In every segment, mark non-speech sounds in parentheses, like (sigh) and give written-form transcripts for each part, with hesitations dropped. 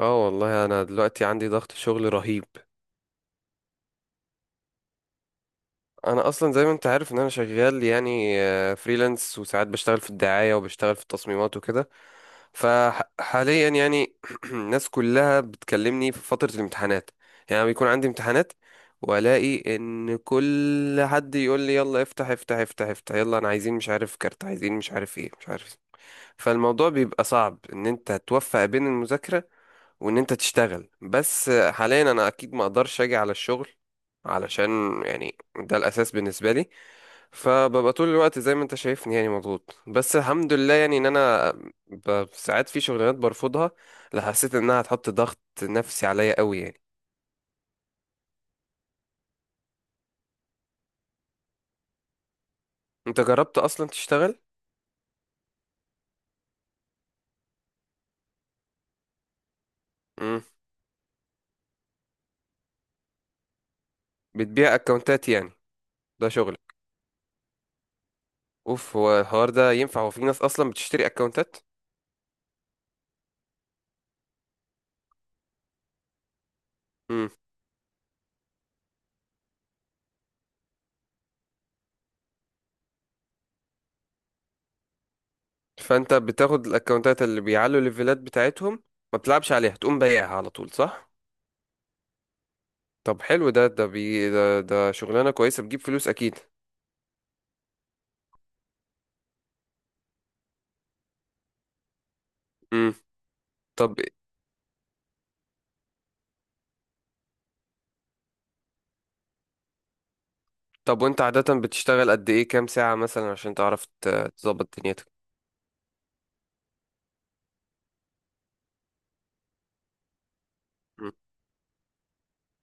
اه، والله انا دلوقتي عندي ضغط شغل رهيب. انا اصلا زي ما انت عارف ان انا شغال يعني فريلانس، وساعات بشتغل في الدعاية وبشتغل في التصميمات وكده. فحاليا يعني (clears throat) الناس كلها بتكلمني في فترة الامتحانات، يعني بيكون عندي امتحانات، والاقي ان كل حد يقول لي يلا افتح افتح افتح افتح يلا انا عايزين مش عارف كارت عايزين مش عارف ايه مش عارف إيه. فالموضوع بيبقى صعب ان انت توفق بين المذاكرة وان انت تشتغل، بس حاليا انا اكيد ما اقدرش اجي على الشغل علشان يعني ده الاساس بالنسبه لي. فببقى طول الوقت زي ما انت شايفني يعني مضغوط، بس الحمد لله يعني ان انا ساعات في شغلانات برفضها لا حسيت انها هتحط ضغط نفسي عليا قوي يعني. انت جربت اصلا تشتغل؟ امم بتبيع اكونتات يعني؟ ده شغل؟ اوف، هو الحوار ده ينفع؟ هو في ناس اصلا بتشتري اكونتات؟ امم فانت بتاخد الاكونتات اللي بيعلوا الليفلات بتاعتهم، ما بتلعبش عليها تقوم بايعها على طول، صح؟ طب حلو، ده شغلانة كويسة بتجيب فلوس أكيد. امم طب طب وأنت عادة بتشتغل قد إيه، كام ساعة مثلا عشان تعرف تظبط دنيتك؟ مم.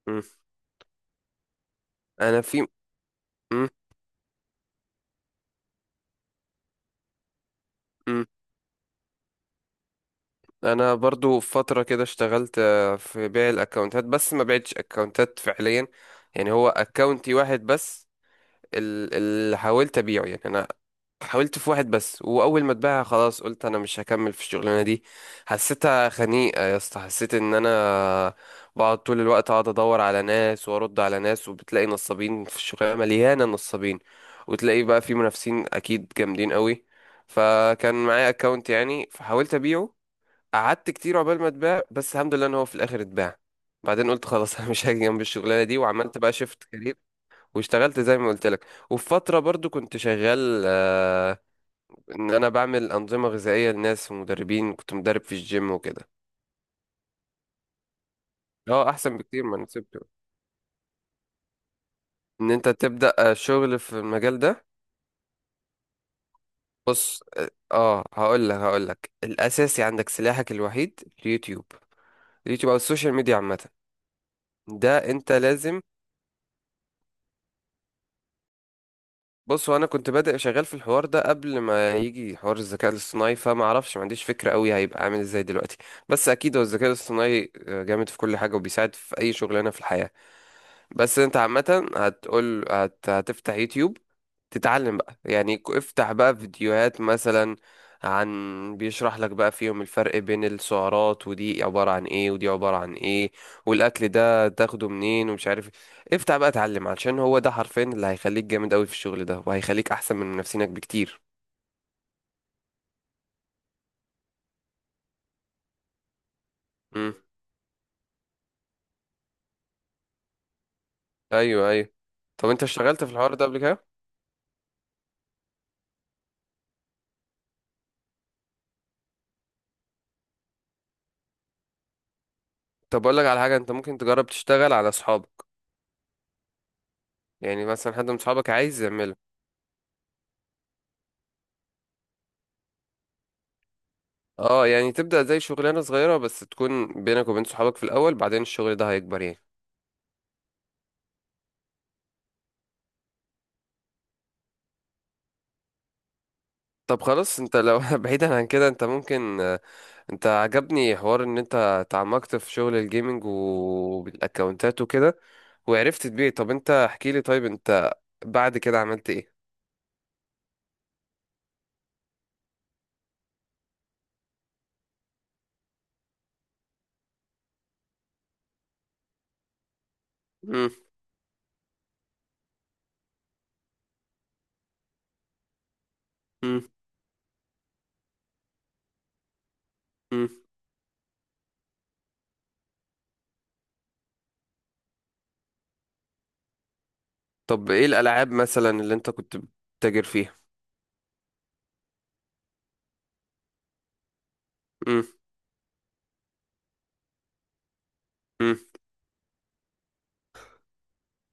مم. أنا في مم. مم. أنا برضو في فترة كده اشتغلت في بيع الأكونتات، بس ما بعتش أكونتات فعليا. يعني هو أكونتي واحد بس، اللي حاولت أبيعه. يعني أنا حاولت في واحد بس، واول ما اتباع خلاص قلت انا مش هكمل في الشغلانه دي. حسيتها خنيقه يا اسطى، حسيت ان انا بقعد طول الوقت، اقعد ادور على ناس وارد على ناس، وبتلاقي نصابين في الشغلانه، مليانه نصابين، وتلاقي بقى في منافسين اكيد جامدين قوي. فكان معايا اكونت يعني فحاولت ابيعه، قعدت كتير عقبال ما اتباع، بس الحمد لله ان هو في الاخر اتباع. بعدين قلت خلاص (laughs) انا مش هاجي جنب الشغلانه دي، وعملت بقى شيفت كارير. واشتغلت زي ما قلت لك، وفي فتره برضو كنت شغال ان انا بعمل انظمه غذائيه لناس ومدربين، كنت مدرب في الجيم وكده. اه، احسن بكتير ما انا سبته، ان انت تبدا شغل في المجال ده. بص، هقول لك الاساسي عندك سلاحك الوحيد اليوتيوب، اليوتيوب او السوشيال ميديا عامه. ده انت لازم، بص، وانا كنت بادئ شغال في الحوار ده قبل ما يجي حوار الذكاء الاصطناعي، فما اعرفش ما عنديش فكره قوي هيبقى عامل ازاي دلوقتي. بس اكيد هو الذكاء الاصطناعي جامد في كل حاجه وبيساعد في اي شغلانه في الحياه. بس انت عامة هتقول هتفتح يوتيوب، تتعلم بقى، يعني افتح بقى فيديوهات مثلا عن، بيشرح لك بقى فيهم الفرق بين السعرات، ودي عبارة عن ايه ودي عبارة عن ايه، والاكل ده تاخده منين ومش عارف ايه. افتح بقى اتعلم، علشان هو ده حرفيا اللي هيخليك جامد قوي في الشغل ده، وهيخليك احسن من منافسينك بكتير. امم ايوه، ايوه. طب انت اشتغلت في الحوار ده قبل كده؟ طب اقول لك على حاجة، انت ممكن تجرب تشتغل على اصحابك، يعني مثلا حد من اصحابك عايز يعمله. اه، يعني تبدأ زي شغلانة صغيرة بس تكون بينك وبين صحابك في الأول، بعدين الشغل ده هيكبر يعني. طب خلاص، انت لو (laughs) بعيدا عن كده، انت ممكن انت عجبني حوار ان انت تعمقت في شغل الجيمنج والاكونتات وكده، وعرفت تبيع. طب انت احكي لي، طيب انت بعد كده عملت ايه؟ مم، مم، مم. طب ايه الألعاب مثلا اللي انت كنت بتتاجر فيها؟ مم، مم.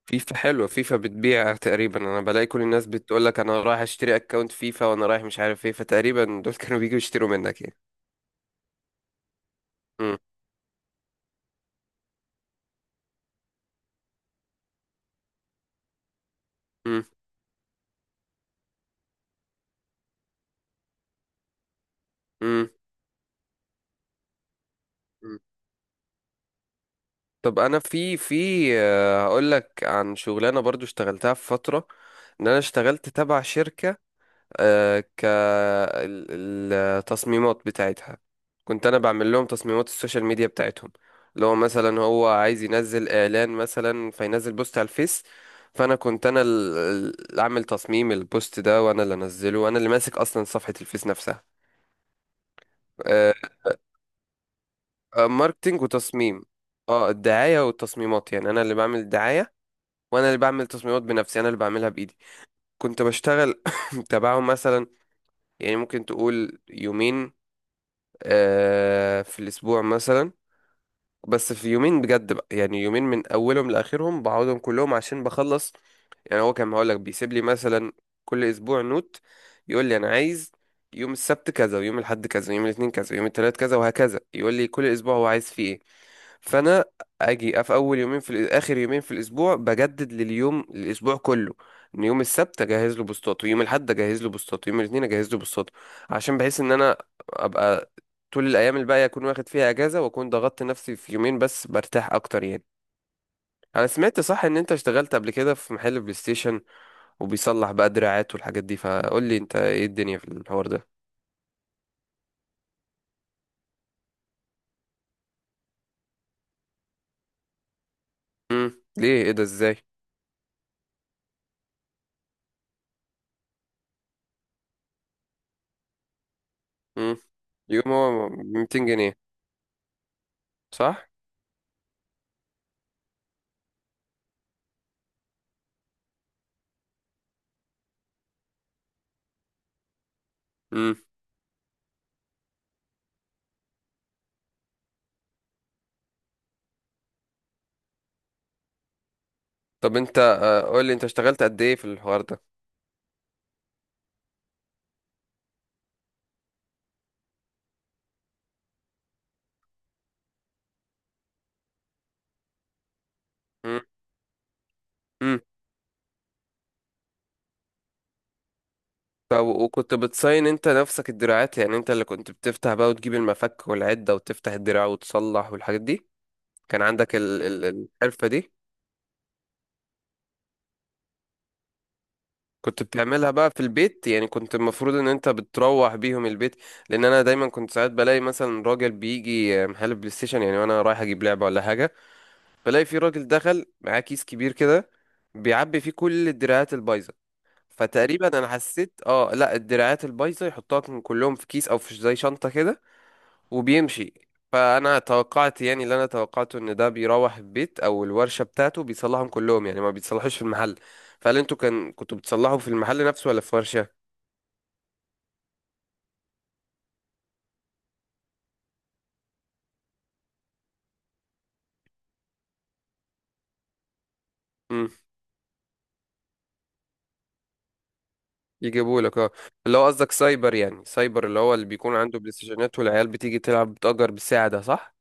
فيفا حلوة، فيفا بتبيع تقريبا. انا بلاقي كل الناس بتقول لك انا رايح اشتري اكونت فيفا، وانا رايح مش عارف ايه، فتقريبا دول (laughs) كانوا بيجوا يشتروا منك يعني. مم. مم. مم. مم. طب انا في هقول لك عن شغلانة برضو اشتغلتها في فترة، ان انا اشتغلت تبع شركة، كالتصميمات بتاعتها. كنت انا بعمل لهم تصميمات السوشيال ميديا بتاعتهم، لو مثلا هو عايز ينزل اعلان مثلا فينزل بوست على الفيس، فانا كنت انا اللي عامل تصميم البوست ده، وانا اللي انزله، وانا اللي ماسك اصلا صفحة الفيس نفسها. آه، ماركتينج وتصميم. اه، الدعاية والتصميمات، يعني انا اللي بعمل الدعاية، وانا اللي بعمل تصميمات بنفسي، انا اللي بعملها بايدي. كنت بشتغل (coughs) تبعهم مثلا، يعني ممكن تقول يومين في الأسبوع مثلا، بس في يومين بجد بقى، يعني يومين من أولهم لآخرهم بقعدهم كلهم عشان بخلص. يعني هو كان هقولك بيسيب لي مثلا كل أسبوع نوت، يقول لي أنا عايز يوم السبت كذا، ويوم الأحد كذا، ويوم الاثنين كذا، ويوم الثلاث كذا، وهكذا. يقول لي كل أسبوع هو عايز فيه إيه، فانا اجي في اول يومين، في اخر يومين في الاسبوع، بجدد لليوم الاسبوع كله، ان يوم السبت اجهز له بوستات، ويوم الاحد اجهز له بوستات، ويوم الاثنين اجهز له بوستات، عشان بحيث ان انا ابقى طول الايام الباقيه اكون واخد فيها اجازه، واكون ضغطت نفسي في يومين بس برتاح اكتر يعني. انا سمعت صح ان انت اشتغلت قبل كده في محل بلاي ستيشن، وبيصلح بقى دراعات والحاجات دي، فقول لي انت ايه الدنيا في الحوار ده. ليه، ايه ده، ازاي؟ امم يوم هو 200 جنيه؟ صح. امم طب انت قول لي انت اشتغلت قد ايه في الحوار ده؟ امم امم طب وكنت بتصين انت نفسك الدراعات؟ يعني انت اللي كنت بتفتح بقى وتجيب المفك والعدة وتفتح الدراع وتصلح والحاجات دي؟ كان عندك ال ال الحرفة دي. كنت بتعملها بقى في البيت يعني؟ كنت المفروض ان انت بتروح بيهم البيت؟ لان انا دايما كنت ساعات بلاقي مثلا راجل بيجي محل بلاي ستيشن، يعني وانا رايح اجيب لعبة ولا حاجة، بلاقي في راجل دخل معاه كيس كبير كده بيعبي فيه كل الدراعات البايظة، فتقريبا انا حسيت اه لا، الدراعات البايظة يحطها كلهم في كيس او في زي شنطة كده وبيمشي. فانا توقعت، يعني اللي انا توقعته ان ده بيروح البيت او الورشه بتاعته بيصلحهم كلهم، يعني ما بيتصلحوش في المحل. فهل انتوا كان كنتوا بتصلحوا في المحل نفسه ولا في ورشه؟ امم يجيبوا لك، اه. اللي هو قصدك سايبر، يعني سايبر اللي هو اللي بيكون عنده بلاي ستيشنات والعيال بتيجي تلعب بتأجر بالساعه، ده صح؟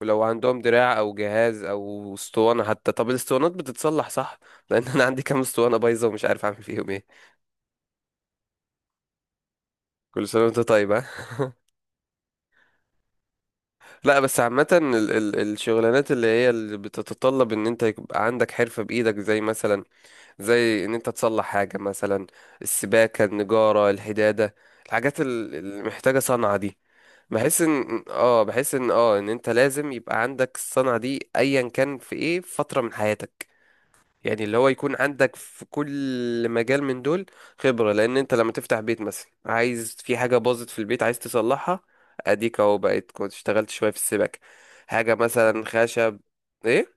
ولو عندهم دراع او جهاز او اسطوانه حتى؟ طب الاسطوانات بتتصلح صح؟ لان انا عندي كام اسطوانه بايظه ومش عارف اعمل فيهم ايه. كل سنه وانت طيب آه. لا، بس عامة الشغلانات اللي هي اللي بتتطلب ان انت يبقى عندك حرفة بايدك، زي مثلا زي ان انت تصلح حاجة مثلا، السباكة، النجارة، الحدادة، الحاجات اللي محتاجة صنعة دي. بحس ان ان انت لازم يبقى عندك الصنعة دي ايا كان في ايه، في فترة من حياتك، يعني اللي هو يكون عندك في كل مجال من دول خبرة، لأن أنت لما تفتح بيت مثلا، عايز في حاجة باظت في البيت عايز تصلحها، أديك أهو بقيت كنت اشتغلت شوية في السباكة، حاجة مثلا خشب. إيه؟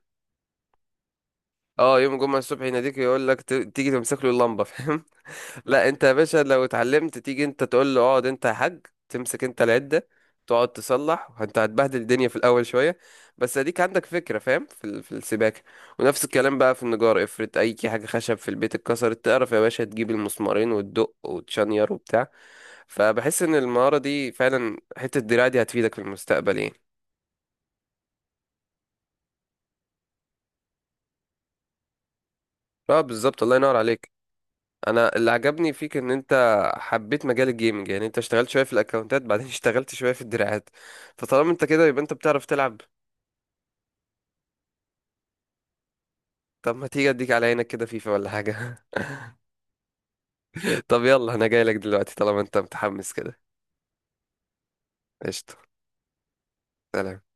اه، يوم الجمعة الصبح يناديك يقول لك تيجي تمسك له اللمبة، فاهم؟ لا، انت يا باشا لو اتعلمت، تيجي انت تقول له اقعد انت يا حاج، تمسك انت العدة تقعد تصلح، انت هتبهدل الدنيا في الاول شوية، بس اديك عندك فكرة، فاهم؟ في في السباكة، ونفس الكلام بقى في النجار، افرض اي حاجة خشب في البيت اتكسرت، تعرف يا باشا تجيب المسمارين وتدق وتشنير وبتاع. فبحس ان المهارة دي فعلا، حتة الدراع دي، هتفيدك في المستقبل يعني. اه، بالظبط، الله ينور عليك. انا اللي عجبني فيك ان انت حبيت مجال الجيمنج، يعني انت اشتغلت شويه في الاكونتات، بعدين (laughs) اشتغلت شويه في الدراعات، فطالما انت كده يبقى انت بتعرف تلعب. طب ما تيجي اديك على عينك كده فيفا ولا حاجه (laughs) طب يلا انا جاي لك دلوقتي طالما انت متحمس كده. قشطه. سلام.